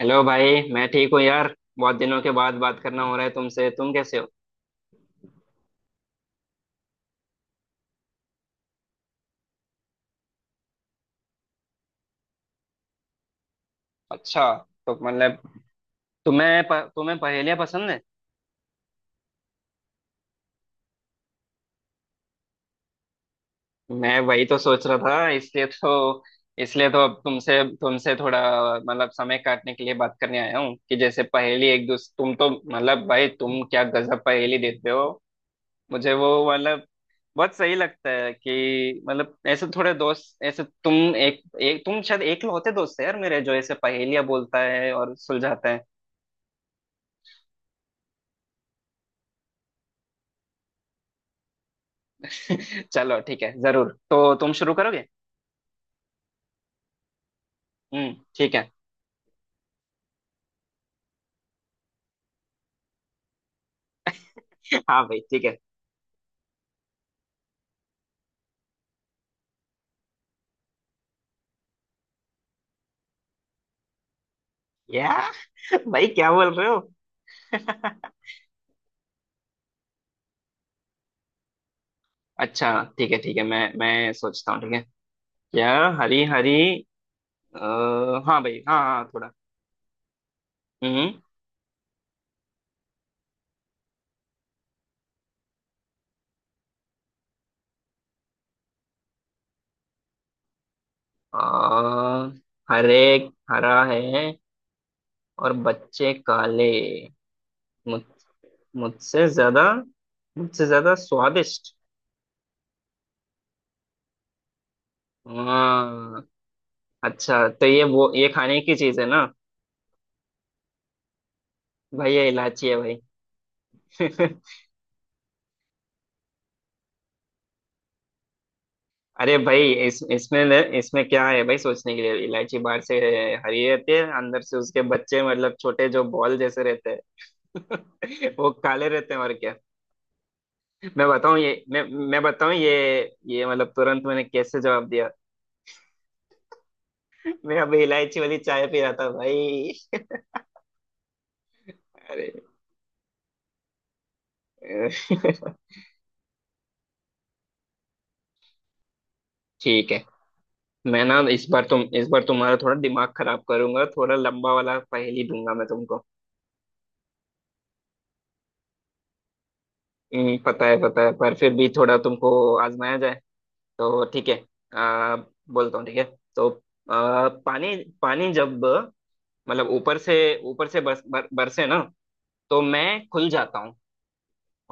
Hello भाई। मैं ठीक हूँ यार। बहुत दिनों के बाद बात करना हो रहा है तुमसे। तुम कैसे हो? अच्छा। तो मतलब तुम्हें पहेलियाँ पसंद है? मैं वही तो सोच रहा था। इसलिए तो अब तुमसे तुमसे थोड़ा मतलब समय काटने के लिए बात करने आया हूँ कि जैसे पहेली एक दूसरे तुम तो मतलब भाई तुम क्या गजब पहेली देते हो। मुझे वो मतलब बहुत सही लगता है कि मतलब ऐसे थोड़े दोस्त। ऐसे तुम एक तुम शायद एकलौते दोस्त है यार मेरे जो ऐसे पहेलियाँ बोलता है और सुलझाता है। चलो ठीक है। जरूर। तो तुम शुरू करोगे। हम्म। ठीक है। हाँ भाई ठीक है। या भाई क्या बोल रहे हो? अच्छा। ठीक है ठीक है। मैं सोचता हूँ। ठीक है। क्या? हरी हरी? आ, हाँ भाई हाँ हाँ थोड़ा। हम्म। अ, हरे। हरा है। और बच्चे काले। मुझ मुझसे ज्यादा मुझसे ज्यादा स्वादिष्ट। हाँ। अच्छा तो ये वो ये खाने की चीज है ना? भाई ये इलायची है भाई। अरे भाई इस इसमें इसमें क्या है भाई सोचने के लिए? इलायची बाहर से हरी रहती है। अंदर से उसके बच्चे मतलब छोटे जो बॉल जैसे रहते हैं वो काले रहते हैं। और क्या? मैं बताऊं ये मैं मैं बताऊं ये। मतलब तुरंत मैंने कैसे जवाब दिया? मैं अभी इलायची वाली चाय पी रहा था भाई। अरे ठीक है। मैं ना इस बार तुम्हारा थोड़ा दिमाग खराब करूंगा। थोड़ा लंबा वाला पहेली दूंगा मैं तुमको। पता है पता है। पर फिर भी थोड़ा तुमको आजमाया जाए तो ठीक है। आ, बोलता हूँ ठीक है। तो पानी पानी जब मतलब ऊपर से बरसे ना तो मैं खुल जाता हूँ।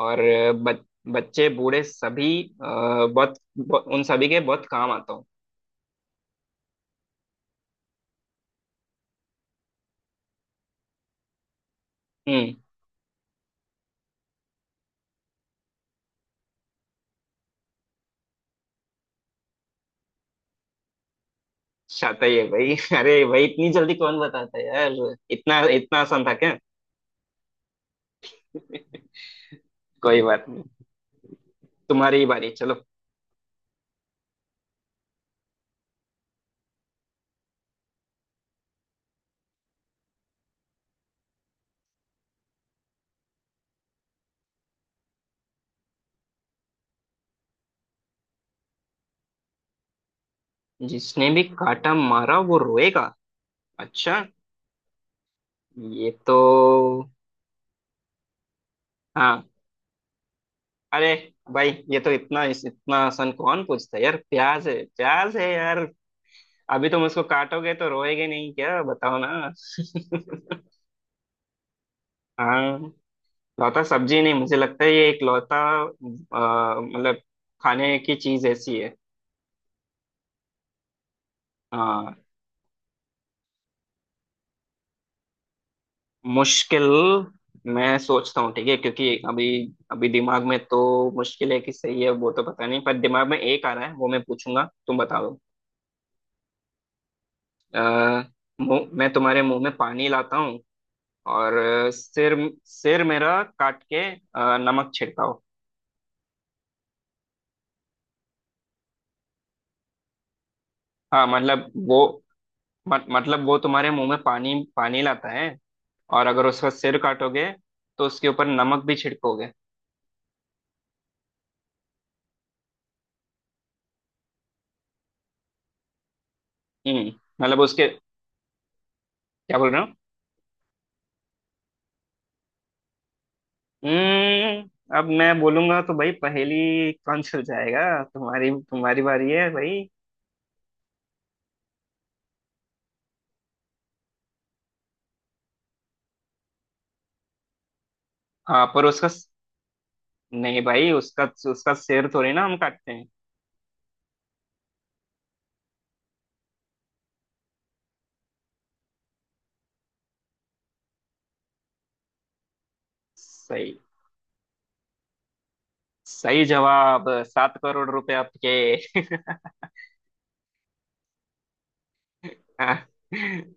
और ब, बच्चे बूढ़े सभी बहुत बहुत- उन सभी के बहुत काम आता हूँ। हम्म। शाता ही है भाई। अरे भाई इतनी जल्दी कौन बताता है यार? इतना इतना आसान था क्या? कोई बात नहीं। तुम्हारी ही बारी चलो। जिसने भी काटा मारा वो रोएगा? अच्छा। ये तो हाँ। अरे भाई ये तो इतना इतना आसान कौन पूछता है यार? प्याज है। प्याज है यार। अभी तुम उसको काटोगे तो रोएगे नहीं क्या? बताओ ना। हाँ। लौता सब्जी नहीं। मुझे लगता है ये एक लौता मतलब खाने की चीज ऐसी है। हाँ। मुश्किल। मैं सोचता हूँ। ठीक है क्योंकि अभी अभी दिमाग में तो मुश्किल है कि सही है वो तो पता नहीं। पर दिमाग में एक आ रहा है वो मैं पूछूंगा तुम बता दो। अ, मुंह मैं तुम्हारे मुंह में पानी लाता हूँ। और सिर सिर मेरा काट के नमक छिड़काओ। हाँ मतलब वो मत, मतलब वो तुम्हारे मुंह में पानी पानी लाता है। और अगर उसका सिर काटोगे तो उसके ऊपर नमक भी छिड़कोगे। हम्म। मतलब उसके क्या बोल रहे हो? हम्म। अब मैं बोलूंगा तो भाई पहेली कौन सुलझाएगा जाएगा? तुम्हारी तुम्हारी बारी है भाई। हाँ पर उसका नहीं भाई उसका उसका सिर थोड़ी ना हम काटते हैं। सही। सही जवाब 7 करोड़ रुपए आपके। हाँ,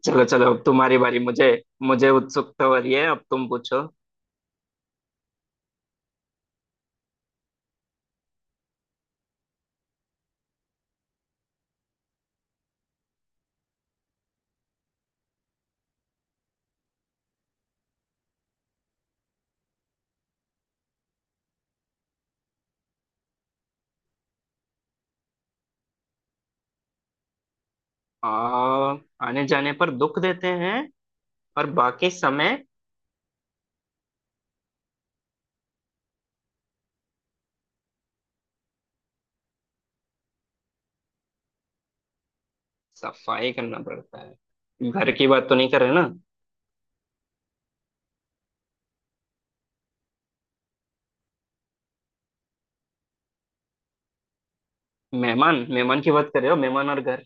चलो चलो अब तुम्हारी बारी। मुझे मुझे उत्सुकता हो रही है अब तुम पूछो। आ, आने जाने पर दुख देते हैं और बाकी समय? सफाई करना पड़ता है? घर की बात तो नहीं कर रहे ना? मेहमान? मेहमान की बात कर रहे हो मेहमान और घर?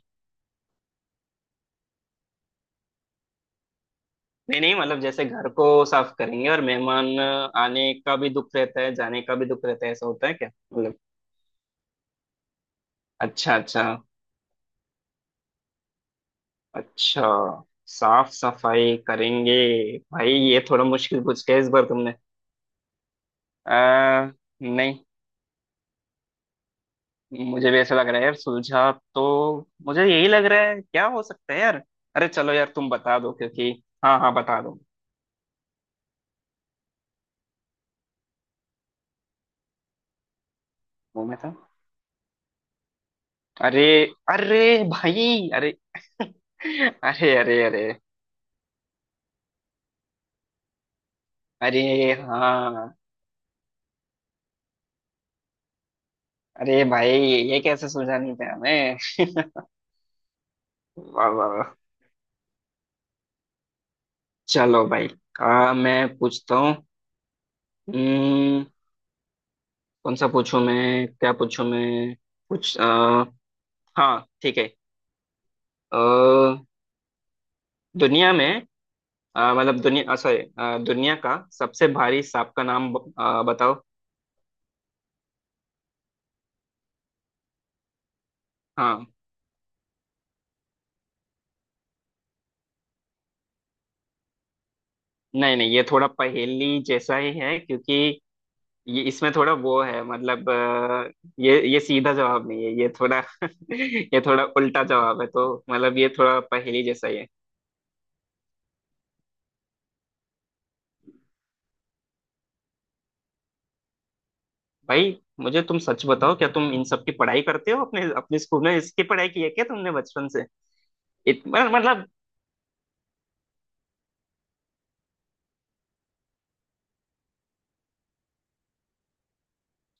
नहीं नहीं मतलब जैसे घर को साफ करेंगे और मेहमान आने का भी दुख रहता है जाने का भी दुख रहता है ऐसा होता है क्या मतलब? अच्छा अच्छा। अच्छा साफ सफाई करेंगे। भाई ये थोड़ा मुश्किल पूछ के इस बार तुमने। आ, नहीं मुझे भी ऐसा लग रहा है यार। सुलझा तो मुझे यही लग रहा है क्या हो सकता है यार? अरे चलो यार तुम बता दो क्योंकि। हाँ हाँ बता दो। वो मैं था। अरे। अरे भाई अरे। अरे अरे अरे। अरे हाँ। अरे भाई ये कैसे सुलझा नहीं पाया मैं? वाह वाह वाह। चलो भाई मैं पूछता हूँ। हम्म, कौन सा पूछूं मैं? क्या पूछूं मैं? कुछ हाँ ठीक है। अ, दुनिया में मतलब दुनिया सॉरी दुनिया का सबसे भारी सांप का नाम बताओ। हाँ। नहीं नहीं ये थोड़ा पहेली जैसा ही है क्योंकि ये इसमें थोड़ा वो है मतलब ये सीधा जवाब नहीं है। ये थोड़ा ये थोड़ा उल्टा जवाब है। तो मतलब ये थोड़ा पहेली जैसा ही है। भाई मुझे तुम सच बताओ क्या तुम इन सब की पढ़ाई करते हो अपने अपने स्कूल में? इसकी पढ़ाई की है क्या तुमने बचपन से? मतलब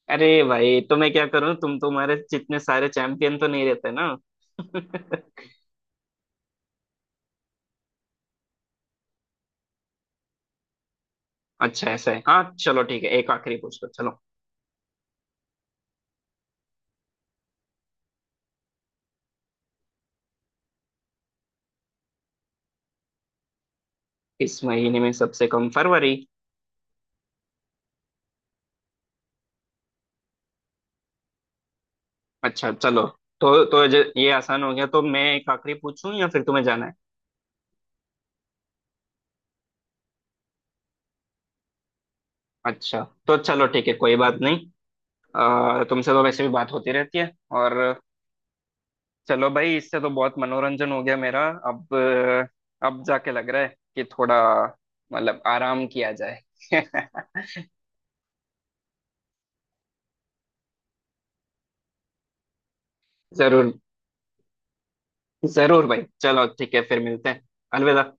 अरे भाई तो मैं क्या करूं? तुम्हारे जितने सारे चैंपियन तो नहीं रहते ना। अच्छा ऐसा है। हाँ चलो ठीक है एक आखिरी पूछ लो चलो। इस महीने में सबसे कम फरवरी। अच्छा चलो। तो ये आसान हो गया तो मैं एक आखिरी पूछूं या फिर तुम्हें जाना है? अच्छा तो चलो ठीक है कोई बात नहीं। तुमसे तो वैसे भी बात होती रहती है और चलो भाई इससे तो बहुत मनोरंजन हो गया मेरा। अब जाके लग रहा है कि थोड़ा मतलब आराम किया जाए। जरूर। जरूर भाई चलो ठीक है फिर मिलते हैं। अलविदा।